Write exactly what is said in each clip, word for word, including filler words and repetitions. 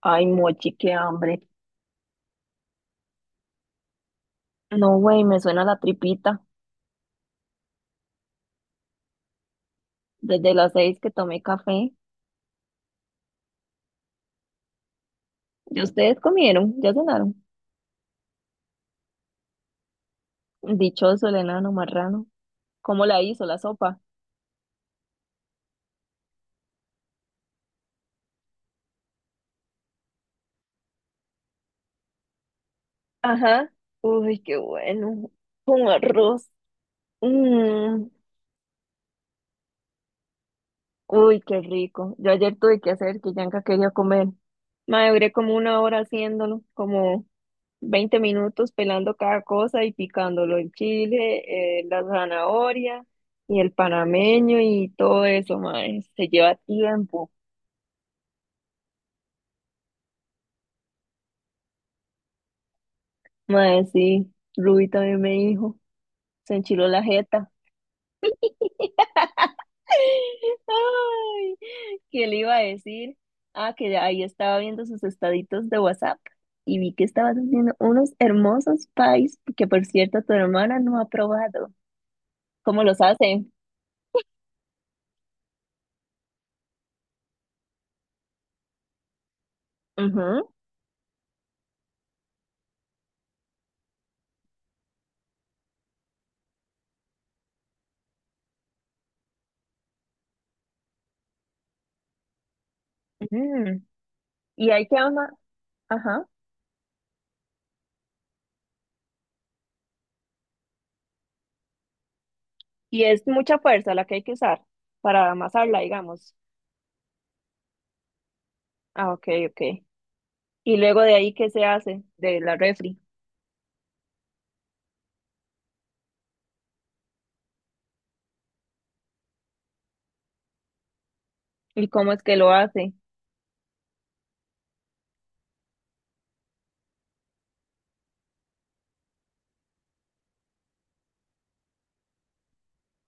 Ay, mochi, qué hambre. No, güey, me suena la tripita. Desde las seis que tomé café. ¿Y ustedes comieron? ¿Ya cenaron? Dichoso el enano marrano. ¿Cómo la hizo la sopa? Ajá. Uy, qué bueno. Con arroz. Mm, uy, qué rico. Yo ayer tuve que hacer que Yanka quería comer. Me duré como una hora haciéndolo, como veinte minutos pelando cada cosa y picándolo, el chile, eh, la zanahoria y el panameño y todo eso, mae, se lleva tiempo, mae, sí, Ruby también me dijo, se enchiló la jeta, ay, ¿qué le iba a decir? Ah, que ahí estaba viendo sus estaditos de WhatsApp y vi que estabas haciendo unos hermosos pies que, por cierto, tu hermana no ha probado. ¿Cómo los hace? Ujú, ujú. Y hay que ama, ajá. Y es mucha fuerza la que hay que usar para amasarla, digamos. Ah, ok, ok. Y luego de ahí, ¿qué se hace de la refri? ¿Y cómo es que lo hace?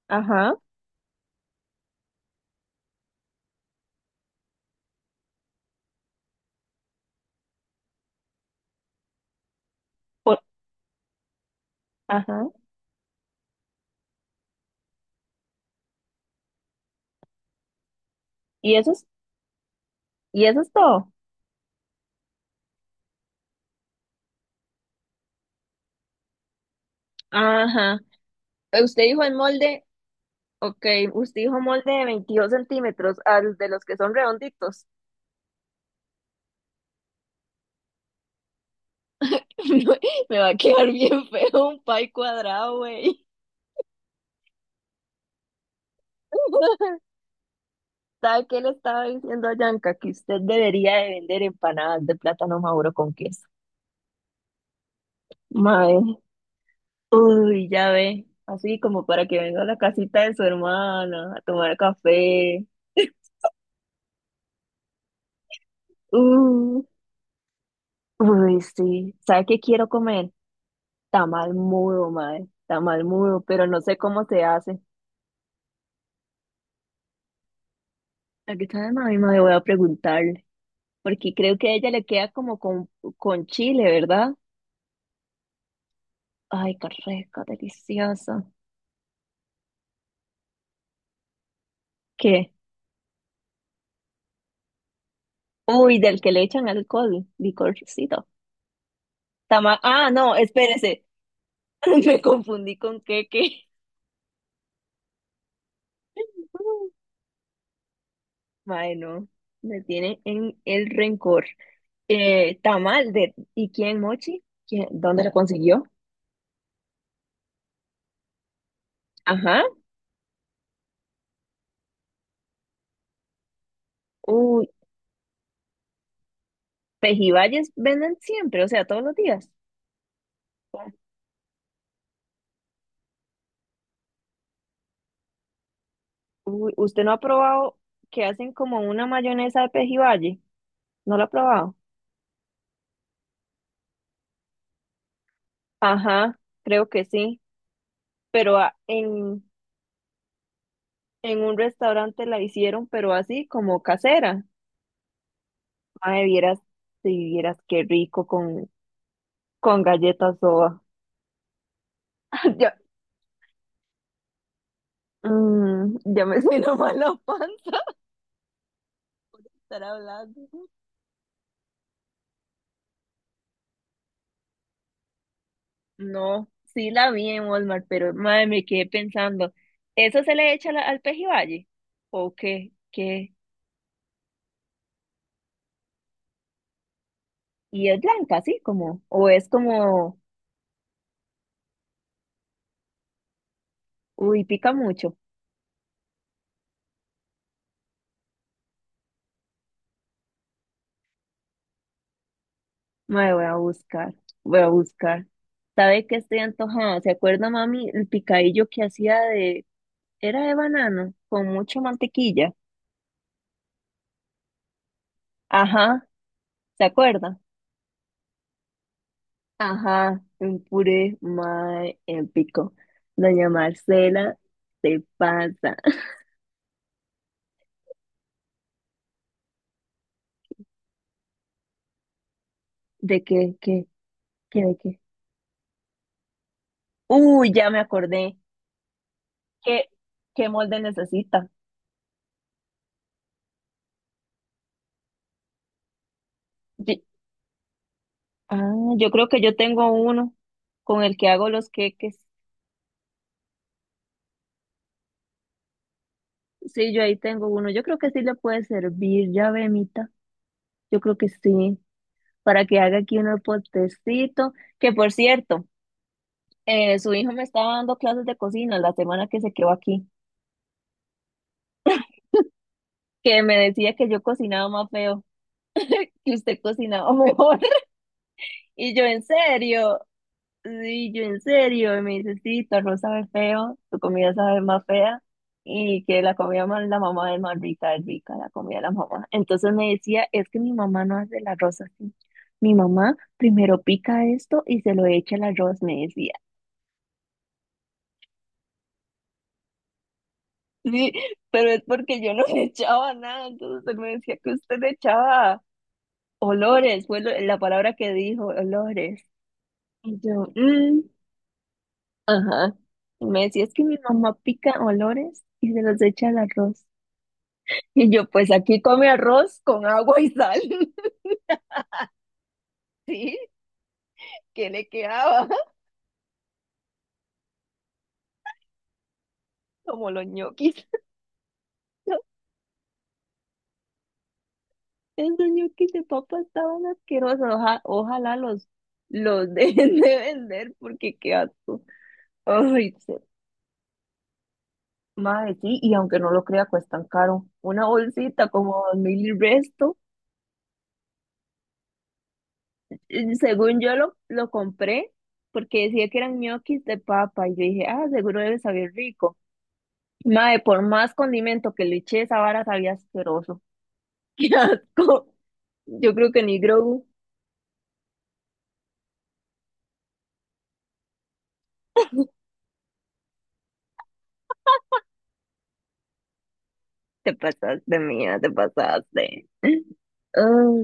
Ajá, por- ajá. ¿Y eso es, y eso es todo? Ajá. Eh, usted dijo en molde, ok, usted dijo molde de veintidós centímetros, al de los que son redonditos. Me va a quedar bien feo un pie cuadrado, güey. ¿Sabe qué le estaba diciendo a Yanka? Que usted debería de vender empanadas de plátano maduro con queso. Mae, uy, ya ve, así como para que venga a la casita de su hermana a tomar café. Uh, uy, sí. ¿Sabe qué quiero comer? Tamal mudo, mae, tamal mudo, pero no sé cómo se hace. Aquí está de mami, mae, voy a preguntarle, porque creo que a ella le queda como con, con, chile, ¿verdad? Ay, qué rica, deliciosa. ¿Qué? Uy, del que le echan alcohol, licorcito. Tama ah, no, espérese. Me confundí con queque. Mae, no, me tiene en el rencor. Eh, tamal de, ¿y quién, Mochi? ¿Quién, dónde la consiguió? Ajá. Uy, pejibayes venden siempre, o sea, todos los días. Uy, ¿usted no ha probado que hacen como una mayonesa de pejibaye? ¿No lo ha probado? Ajá, creo que sí, pero a- en, en un restaurante la hicieron, pero así como casera. Mae, vieras, si vieras qué rico con, con galletas soda. Mm, ya me siento mal la panza estar hablando. No, sí la vi en Walmart, pero madre, me quedé pensando, ¿eso se le echa al la- al pejibaye? ¿O qué? ¿Qué? Y es blanca, así como, o es como, uy, pica mucho. Madre, voy a buscar, voy a buscar. ¿Sabe qué? Estoy antojada. ¿Se acuerda, mami, el picadillo que hacía de, era de banano, con mucha mantequilla? Ajá, ¿se acuerda? Ajá, un puré más épico. Doña Marcela, se pasa. ¿De qué, qué, qué, de qué? Uy, ya me acordé. ¿Qué, qué molde necesita? Ye- ah, yo creo que yo tengo uno con el que hago los queques. Sí, yo ahí tengo uno. Yo creo que sí le puede servir, ya ve, Mita. Yo creo que sí, para que haga aquí un potecito. Que, por cierto, eh, su hijo me estaba dando clases de cocina la semana que se quedó aquí. Que me decía que yo cocinaba más feo, que usted cocinaba mejor. Y yo, ¿en serio? Sí, yo, ¿en serio? Y me dice, sí, tu arroz sabe feo, tu comida sabe más fea, y que la comida más la mamá es más rica, es rica la comida de la mamá. Entonces me decía, es que mi mamá no hace el arroz así. Mi mamá primero pica esto y se lo echa al arroz, me decía. Sí, pero es porque yo no le echaba nada, entonces él me decía que usted le echaba olores, fue lo- la palabra que dijo, olores. Y yo, "Mm, ajá". Y me decía, es que mi mamá pica olores y se los echa al arroz. Y yo, pues aquí come arroz con agua y sal. Sí, que le quedaba como los ñoquis. Esos ñoquis de papa estaban asquerosos. Oja- ojalá los, los dejen de vender, porque qué asco. Ay, se- madre, sí, y aunque no lo crea, cuestan caro. Una bolsita como dos mil y resto. eh, Según yo lo, lo compré porque decía que eran ñoquis de papa, y yo dije, ah, seguro debe saber rico. Mae, por más condimento que le eché, esa vara sabía asqueroso. ¡Qué asco! Yo creo que ni Grogu. Te pasaste, mía, te pasaste. Ah,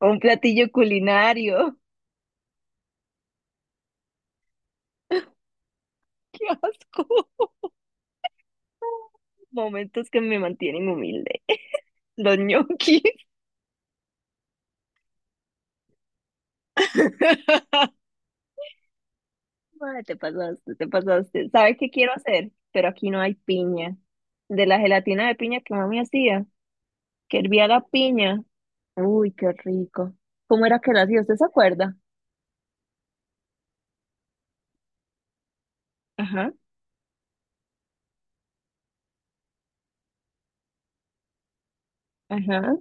un platillo culinario. ¡Qué asco! Momentos que me mantienen humilde. Los ñoquis. Madre, te pasaste, te pasaste. ¿Sabes qué quiero hacer? Pero aquí no hay piña. De la gelatina de piña que mami hacía, que hervía la piña. Uy, qué rico. ¿Cómo era que la hacía? ¿Usted se acuerda? Ajá, ajá.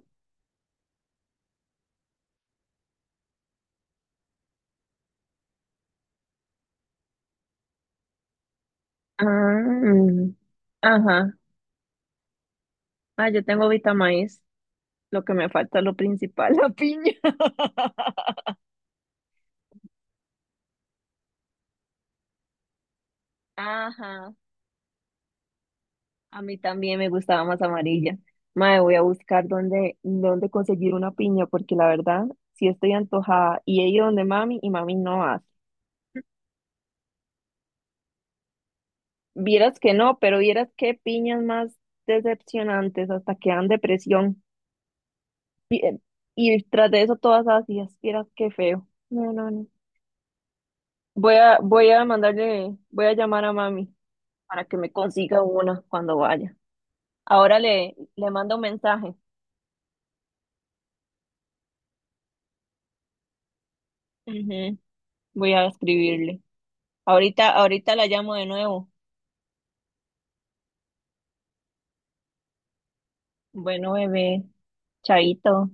Ah, mm, ajá. Ah, yo tengo Vita Maíz. Lo que me falta es lo principal, la piña. Ajá. A mí también me gustaba más amarilla. Mae, voy a buscar dónde, dónde conseguir una piña, porque la verdad, sí estoy antojada. Y he ido donde mami y mami no hace. Vieras que no, pero vieras qué piñas más decepcionantes, hasta que dan depresión. Y, eh, y tras de eso, todas ácidas, vieras qué feo. No, no, no. Voy a, voy a mandarle, voy a llamar a mami para que me consiga una cuando vaya. Ahora le, le mando un mensaje. Ujú, voy a escribirle. Ahorita, ahorita la llamo de nuevo. Bueno, bebé, chaito.